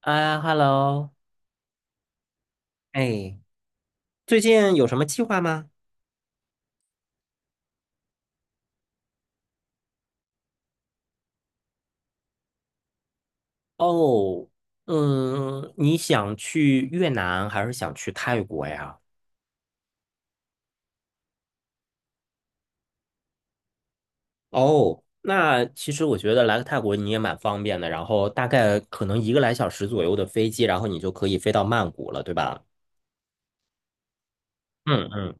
啊，Hello，哎，最近有什么计划吗？哦，嗯，你想去越南还是想去泰国呀？哦，那其实我觉得来个泰国你也蛮方便的，然后大概可能一个来小时左右的飞机，然后你就可以飞到曼谷了，对吧？嗯嗯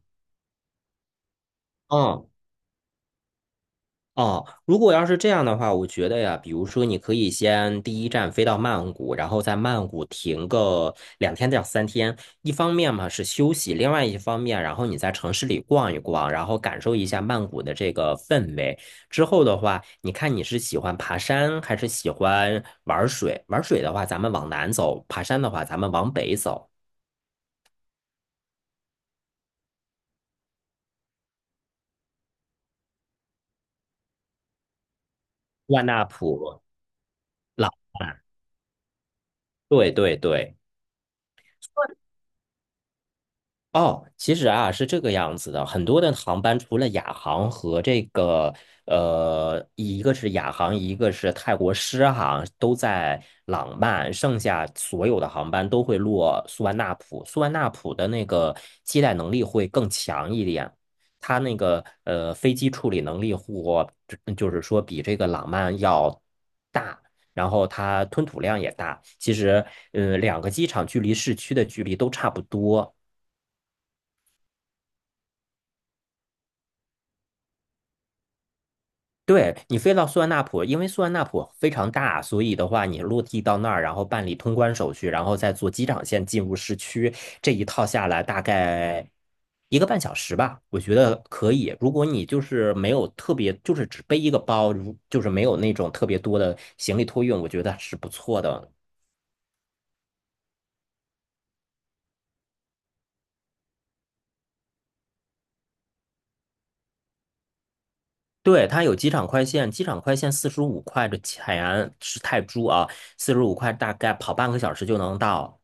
嗯，哦，如果要是这样的话，我觉得呀，比如说你可以先第一站飞到曼谷，然后在曼谷停个2天到3天。一方面嘛是休息，另外一方面，然后你在城市里逛一逛，然后感受一下曼谷的这个氛围。之后的话，你看你是喜欢爬山还是喜欢玩水？玩水的话，咱们往南走；爬山的话，咱们往北走。万纳普、老挝，对对对。哦，其实啊是这个样子的，很多的航班除了亚航和这个一个是亚航，一个是泰国狮航，都在朗曼，剩下所有的航班都会落苏万纳普。苏万纳普的那个接待能力会更强一点，它那个飞机处理能力或就是说比这个朗曼要大。然后它吞吐量也大，其实，两个机场距离市区的距离都差不多。对，你飞到苏万那普，因为苏万那普非常大，所以的话，你落地到那儿，然后办理通关手续，然后再坐机场线进入市区，这一套下来大概一个半小时吧，我觉得可以。如果你就是没有特别，就是只背一个包，就是没有那种特别多的行李托运，我觉得是不错的。对，它有机场快线，机场快线四十五块的钱是泰铢啊，四十五块大概跑半个小时就能到。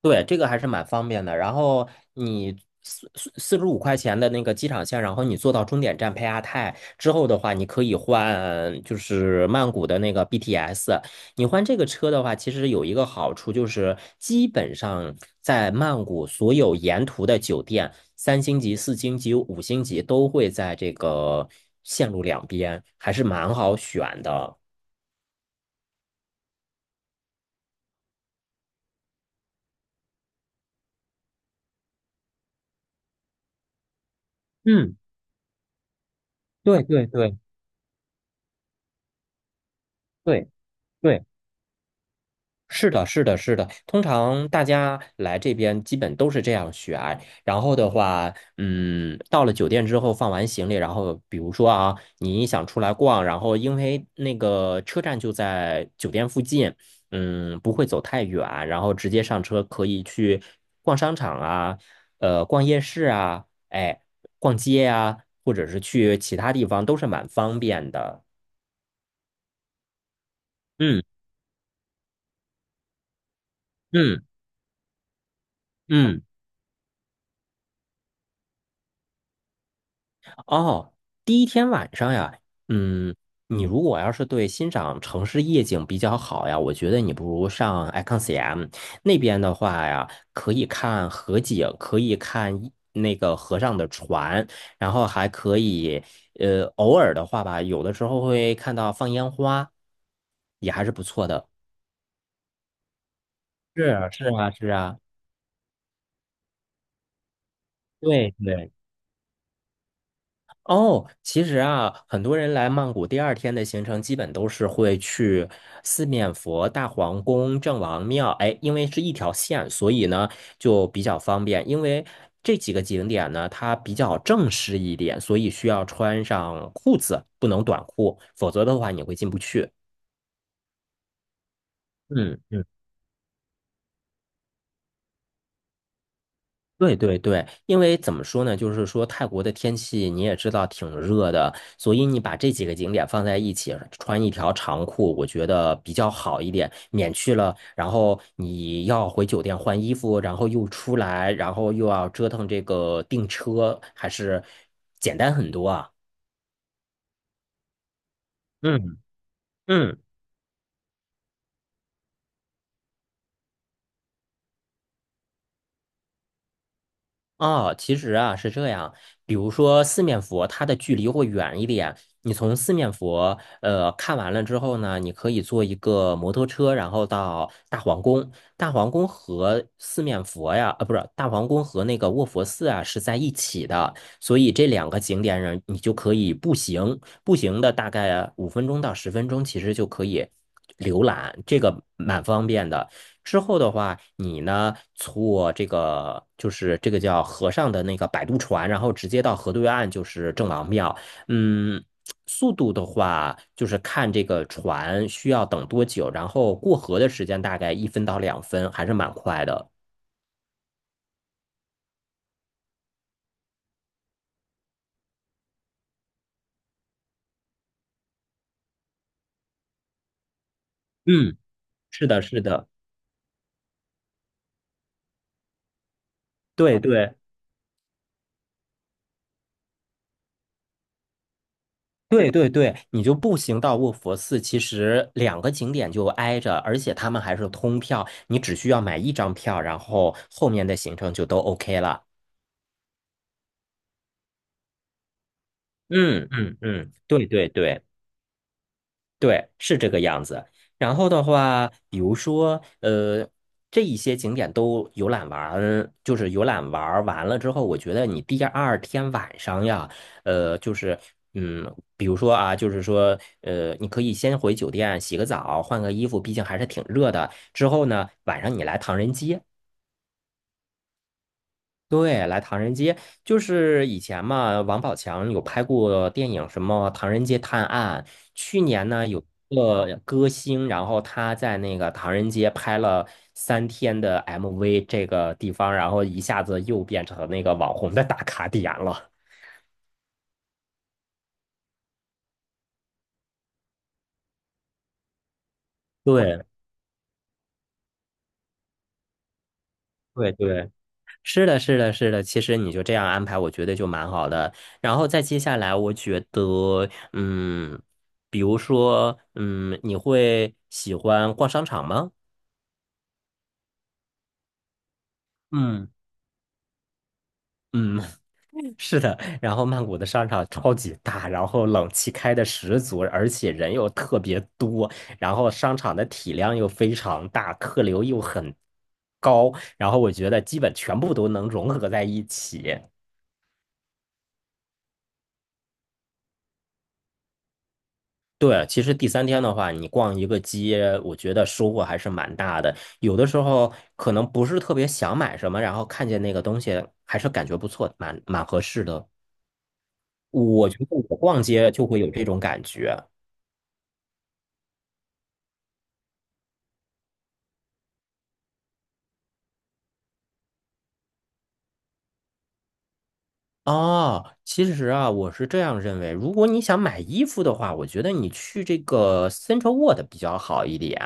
对，这个还是蛮方便的。然后你四十五块钱的那个机场线，然后你坐到终点站佩亚泰之后的话，你可以换就是曼谷的那个 BTS。你换这个车的话，其实有一个好处就是，基本上在曼谷所有沿途的酒店，三星级、四星级、五星级都会在这个线路两边，还是蛮好选的。嗯，对对对对对。是的，是的，是的。通常大家来这边基本都是这样选。然后的话，到了酒店之后放完行李，然后比如说啊，你想出来逛，然后因为那个车站就在酒店附近，不会走太远，然后直接上车可以去逛商场啊，逛夜市啊，哎，逛街啊，或者是去其他地方都是蛮方便的。嗯嗯嗯。哦，第一天晚上呀，嗯，你如果要是对欣赏城市夜景比较好呀，我觉得你不如上 ICONCM 那边的话呀，可以看河景，可以看一那个河上的船，然后还可以，偶尔的话吧，有的时候会看到放烟花，也还是不错的。是啊，是啊，是啊，对对。哦，其实啊，很多人来曼谷第二天的行程基本都是会去四面佛、大皇宫、郑王庙。哎，因为是一条线，所以呢就比较方便。因为这几个景点呢，它比较正式一点，所以需要穿上裤子，不能短裤，否则的话你会进不去。嗯嗯对对对，因为怎么说呢，就是说泰国的天气你也知道挺热的，所以你把这几个景点放在一起，穿一条长裤，我觉得比较好一点，免去了然后你要回酒店换衣服，然后又出来，然后又要折腾这个订车，还是简单很多啊。嗯嗯。哦，其实啊是这样，比如说四面佛，它的距离会远一点。你从四面佛，看完了之后呢，你可以坐一个摩托车，然后到大皇宫。大皇宫和四面佛呀，啊，不是，大皇宫和那个卧佛寺啊是在一起的，所以这两个景点上你就可以步行，步行的大概5分钟到10分钟，其实就可以浏览，这个蛮方便的。之后的话，你呢坐这个就是这个叫河上的那个摆渡船，然后直接到河对岸就是郑王庙。嗯，速度的话就是看这个船需要等多久，然后过河的时间大概1分到2分，还是蛮快的。嗯，是的，是的，对对。对对对，你就步行到卧佛寺，其实两个景点就挨着，而且他们还是通票，你只需要买一张票，然后后面的行程就都 OK 了。嗯嗯嗯，对对对对，是这个样子。然后的话，比如说，这一些景点都游览完，就是游览玩儿完了之后，我觉得你第二天晚上呀，就是，嗯，比如说啊，就是说，你可以先回酒店洗个澡，换个衣服，毕竟还是挺热的。之后呢，晚上你来唐人街。对，来唐人街，就是以前嘛，王宝强有拍过电影，什么《唐人街探案》。去年呢，有一个歌星，然后他在那个唐人街拍了三天的 MV，这个地方，然后一下子又变成那个网红的打卡点了。对，对，对，是的，是的，是的。其实你就这样安排，我觉得就蛮好的。然后再接下来，我觉得，比如说，你会喜欢逛商场吗？嗯嗯，是的。然后曼谷的商场超级大，然后冷气开的十足，而且人又特别多，然后商场的体量又非常大，客流又很高，然后我觉得基本全部都能融合在一起。对，其实第三天的话，你逛一个街，我觉得收获还是蛮大的。有的时候可能不是特别想买什么，然后看见那个东西还是感觉不错，蛮合适的。我觉得我逛街就会有这种感觉。哦，其实啊，我是这样认为，如果你想买衣服的话，我觉得你去这个 Central World 比较好一点，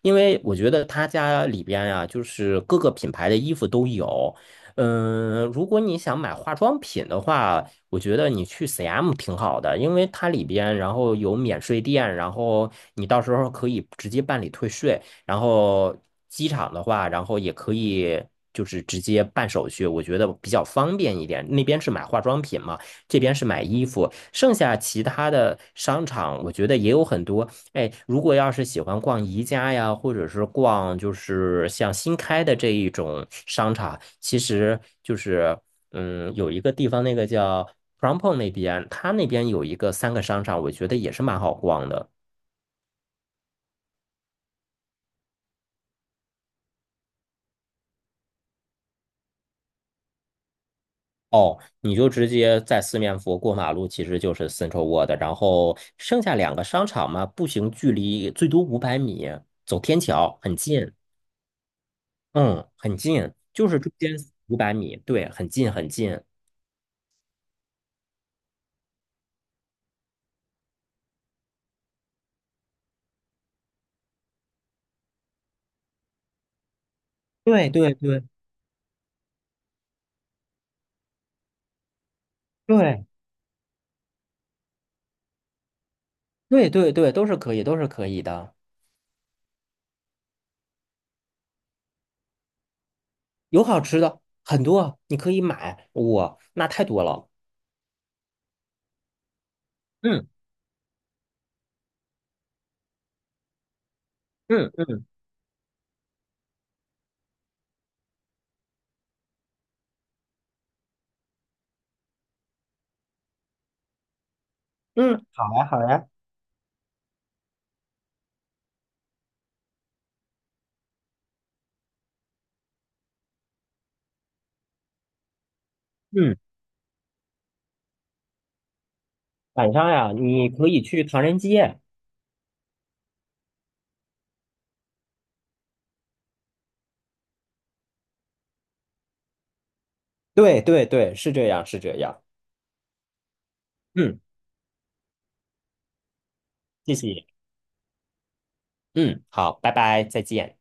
因为我觉得他家里边呀、就是各个品牌的衣服都有。如果你想买化妆品的话，我觉得你去 CM 挺好的，因为它里边然后有免税店，然后你到时候可以直接办理退税。然后机场的话，然后也可以就是直接办手续，我觉得比较方便一点。那边是买化妆品嘛，这边是买衣服。剩下其他的商场，我觉得也有很多。哎，如果要是喜欢逛宜家呀，或者是逛就是像新开的这一种商场，其实就是有一个地方那个叫 Prompo 那边，它那边有一个三个商场，我觉得也是蛮好逛的。哦，你就直接在四面佛过马路，其实就是 Central World，然后剩下两个商场嘛，步行距离最多五百米，走天桥很近，嗯，很近，就是中间五百米，对，很近很近，对对对对对对对，都是可以，都是可以的，有好吃的很多，你可以买，哇，那太多了，嗯嗯嗯嗯嗯，晚上呀，你可以去唐人街，对对对，是这样是这样，嗯，谢谢。嗯，好，拜拜，再见。